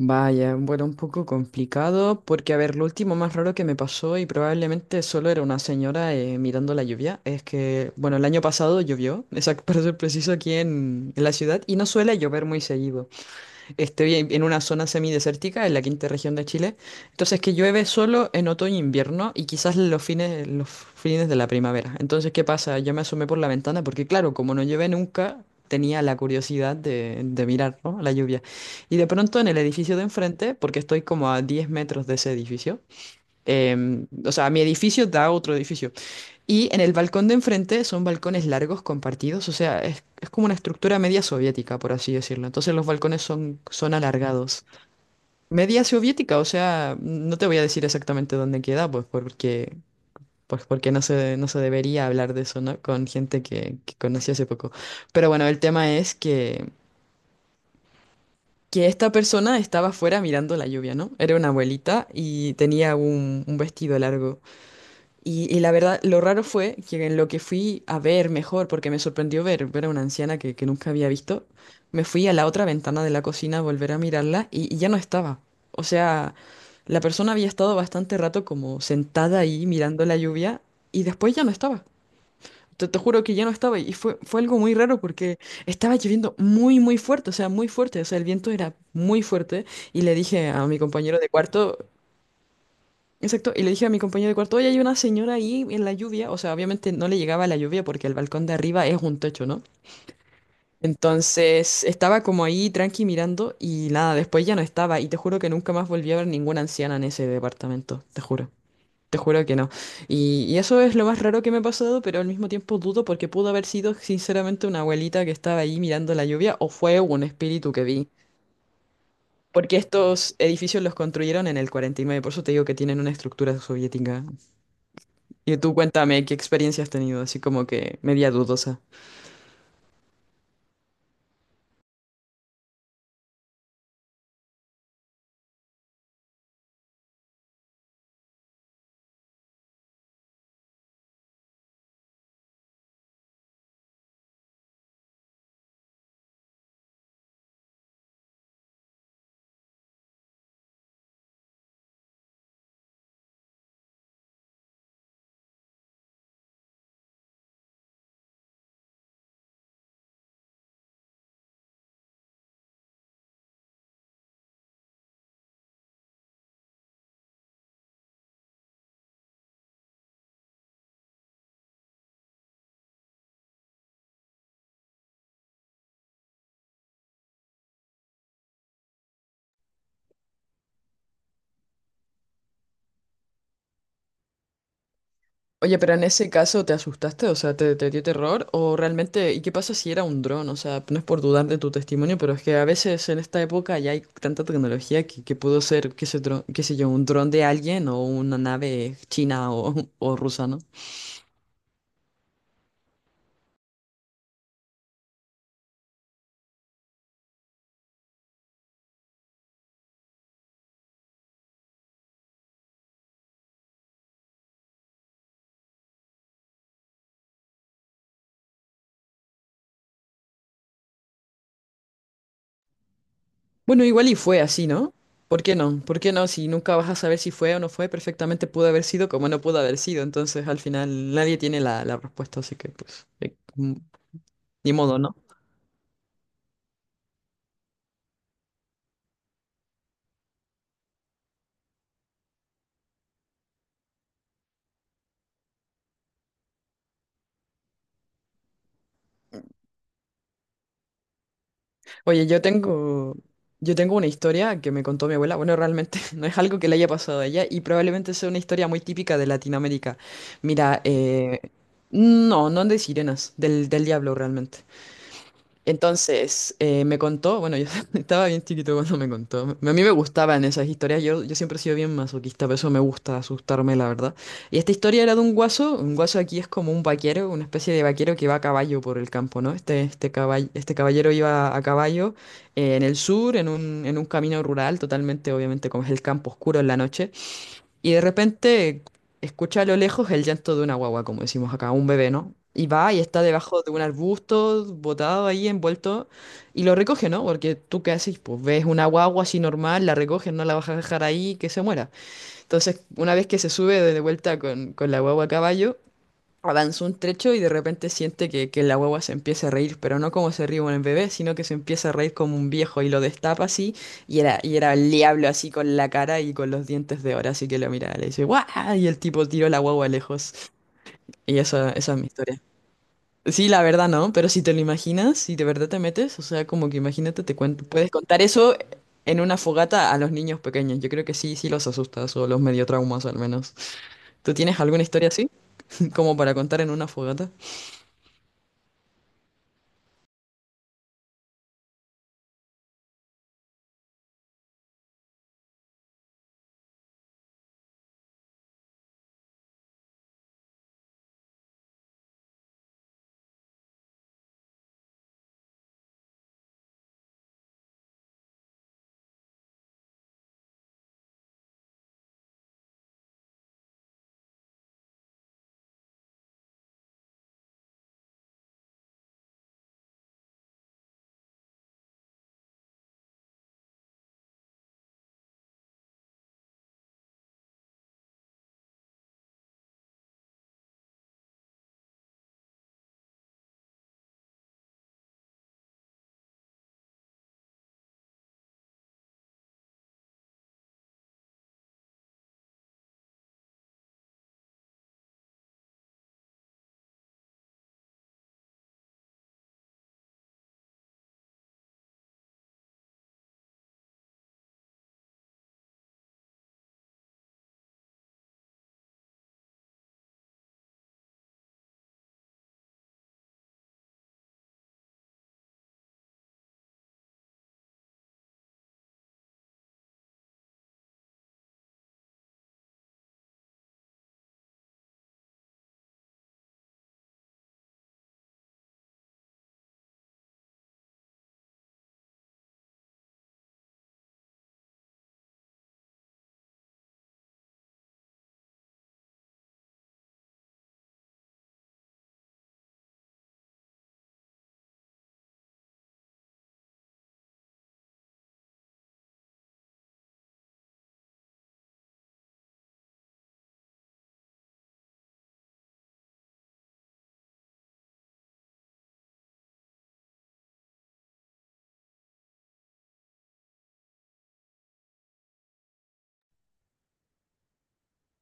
Vaya, bueno, un poco complicado porque, a ver, lo último más raro que me pasó y probablemente solo era una señora mirando la lluvia, es que, bueno, el año pasado llovió, exacto, para ser preciso, aquí en la ciudad y no suele llover muy seguido. Estoy en una zona semidesértica, en la quinta región de Chile. Entonces que llueve solo en otoño e invierno y quizás los fines de la primavera. Entonces, ¿qué pasa? Yo me asomé por la ventana porque, claro, como no llueve nunca, tenía la curiosidad de mirar, ¿no?, la lluvia. Y de pronto en el edificio de enfrente, porque estoy como a 10 metros de ese edificio. O sea, mi edificio da a otro edificio. Y en el balcón de enfrente son balcones largos compartidos, o sea, es como una estructura media soviética, por así decirlo. Entonces los balcones son alargados. Media soviética, o sea, no te voy a decir exactamente dónde queda, pues porque, no se, debería hablar de eso, ¿no? Con gente que conocí hace poco. Pero bueno, el tema es que esta persona estaba afuera mirando la lluvia, ¿no? Era una abuelita y tenía un vestido largo. Y la verdad, lo raro fue que en lo que fui a ver mejor, porque me sorprendió ver a una anciana que nunca había visto, me fui a la otra ventana de la cocina a volver a mirarla y ya no estaba. O sea, la persona había estado bastante rato como sentada ahí mirando la lluvia y después ya no estaba. Te juro que ya no estaba y fue algo muy raro porque estaba lloviendo muy, muy fuerte, o sea, muy fuerte, o sea, el viento era muy fuerte y le dije a mi compañero de cuarto. Exacto, y le dije a mi compañero de cuarto, oye, hay una señora ahí en la lluvia, o sea, obviamente no le llegaba la lluvia porque el balcón de arriba es un techo, ¿no? Entonces estaba como ahí tranqui mirando y nada, después ya no estaba y te juro que nunca más volví a ver ninguna anciana en ese departamento, te juro que no. Y eso es lo más raro que me ha pasado, pero al mismo tiempo dudo porque pudo haber sido sinceramente una abuelita que estaba ahí mirando la lluvia o fue un espíritu que vi. Porque estos edificios los construyeron en el 49, por eso te digo que tienen una estructura soviética. Y tú cuéntame qué experiencia has tenido, así como que media dudosa. Oye, pero en ese caso te asustaste, o sea, te dio terror, o realmente, ¿y qué pasa si era un dron? O sea, no es por dudar de tu testimonio, pero es que a veces en esta época ya hay tanta tecnología que pudo ser, qué sé, qué sé yo, un dron de alguien o una nave china o, o rusa, ¿no? Bueno, igual y fue así, ¿no? ¿Por qué no? ¿Por qué no? Si nunca vas a saber si fue o no fue, perfectamente pudo haber sido como no pudo haber sido, entonces al final nadie tiene la respuesta, así que pues, ni modo, ¿no? Oye, yo tengo una historia que me contó mi abuela. Bueno, realmente no es algo que le haya pasado a ella y probablemente sea una historia muy típica de Latinoamérica. Mira, no, no de sirenas, del diablo realmente. Entonces, me contó, bueno, yo estaba bien chiquito cuando me contó. A mí me gustaban esas historias, yo siempre he sido bien masoquista, por eso me gusta asustarme, la verdad. Y esta historia era de un guaso aquí es como un vaquero, una especie de vaquero que va a caballo por el campo, ¿no? Este caballero iba a caballo en el sur, en un, camino rural, totalmente, obviamente, como es el campo oscuro en la noche. Y de repente escucha a lo lejos el llanto de una guagua, como decimos acá, un bebé, ¿no? Y va y está debajo de un arbusto, botado ahí, envuelto, y lo recoge, ¿no? Porque tú qué haces, pues ves una guagua así normal, la recoges, no la vas a dejar ahí, que se muera. Entonces, una vez que se sube de vuelta con la guagua a caballo, avanzó un trecho y de repente siente que la guagua se empieza a reír, pero no como se ríe un bebé, sino que se empieza a reír como un viejo y lo destapa así, y era el diablo así con la cara y con los dientes de oro, así que lo mira, le dice, ¡guau! Y el tipo tiró la guagua lejos. Y eso, esa es mi historia. Sí, la verdad no, pero si te lo imaginas, si de verdad te metes, o sea, como que imagínate, te cuento, puedes contar eso en una fogata a los niños pequeños. Yo creo que sí, sí los asustas o los medio traumas al menos. ¿Tú tienes alguna historia así, como para contar en una fogata?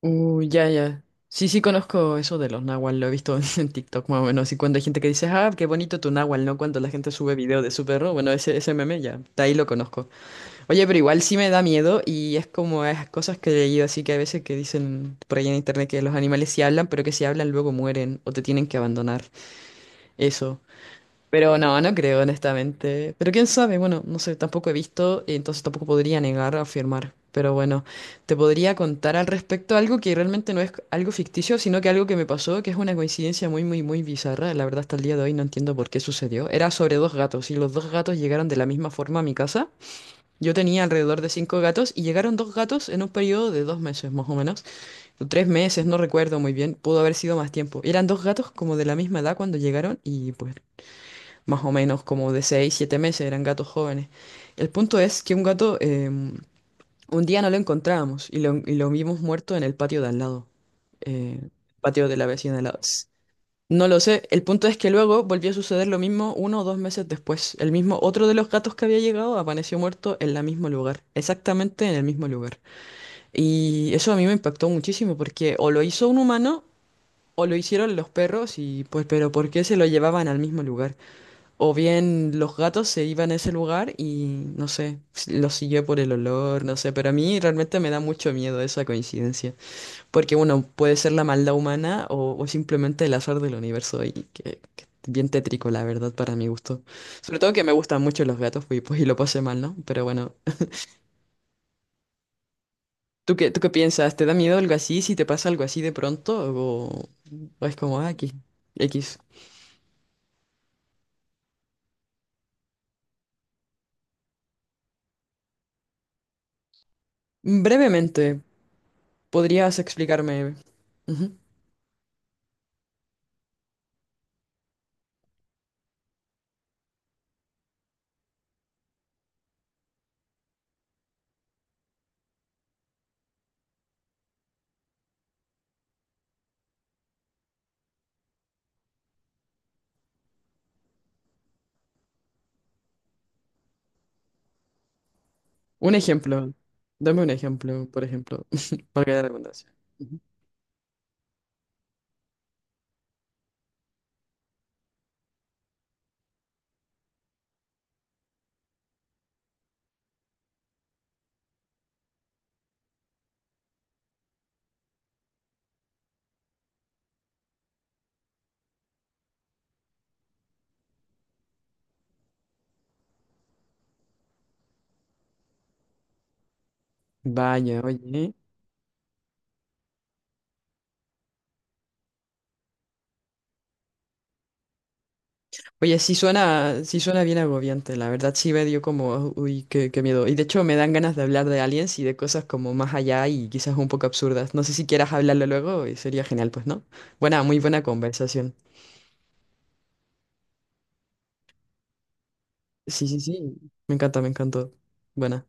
Ya, ya. Sí, sí conozco eso de los náhuatl, lo he visto en TikTok más o menos. Y cuando hay gente que dice, ah, qué bonito tu náhuatl, ¿no? Cuando la gente sube video de su perro, bueno, ese meme ya, de ahí lo conozco. Oye, pero igual sí me da miedo y es como esas cosas que he leído así que a veces que dicen por ahí en internet que los animales sí hablan, pero que si hablan luego mueren o te tienen que abandonar. Eso. Pero no, no creo, honestamente. Pero quién sabe, bueno, no sé, tampoco he visto, y entonces tampoco podría negar o afirmar. Pero bueno, te podría contar al respecto algo que realmente no es algo ficticio, sino que algo que me pasó, que es una coincidencia muy, muy, muy bizarra. La verdad, hasta el día de hoy no entiendo por qué sucedió. Era sobre dos gatos, y los dos gatos llegaron de la misma forma a mi casa. Yo tenía alrededor de cinco gatos, y llegaron dos gatos en un periodo de 2 meses, más o menos. O 3 meses, no recuerdo muy bien, pudo haber sido más tiempo. Eran dos gatos como de la misma edad cuando llegaron, y pues más o menos como de 6 7 meses, eran gatos jóvenes. El punto es que un gato, un día no lo encontrábamos y lo vimos muerto en el patio de al lado, eh, patio de la vecina de al lado. No lo sé, el punto es que luego volvió a suceder lo mismo uno o dos meses después. El mismo, otro de los gatos que había llegado apareció muerto en el mismo lugar, exactamente en el mismo lugar. Y eso a mí me impactó muchísimo porque o lo hizo un humano o lo hicieron los perros y pues, pero ¿por qué se lo llevaban al mismo lugar? O bien los gatos se iban a ese lugar y no sé, si los siguió por el olor, no sé, pero a mí realmente me da mucho miedo esa coincidencia, porque bueno, puede ser la maldad humana o simplemente el azar del universo y que bien tétrico, la verdad, para mi gusto. Sobre todo que me gustan mucho los gatos pues, y lo pasé mal, ¿no? Pero bueno, ¿tú qué piensas? ¿Te da miedo algo así si te pasa algo así de pronto o es como, ah, aquí, X? Brevemente, ¿podrías explicarme? Ujú. Un ejemplo. Dame un ejemplo, por ejemplo, para que haya redundancia. Ujú. Vaya, oye. Oye, sí suena bien agobiante, la verdad sí me dio como, uy, qué miedo. Y de hecho me dan ganas de hablar de aliens y de cosas como más allá y quizás un poco absurdas. No sé si quieras hablarlo luego y sería genial, pues, ¿no? Buena, muy buena conversación. Sí, sí, sí. Me encanta, me encantó. Buena.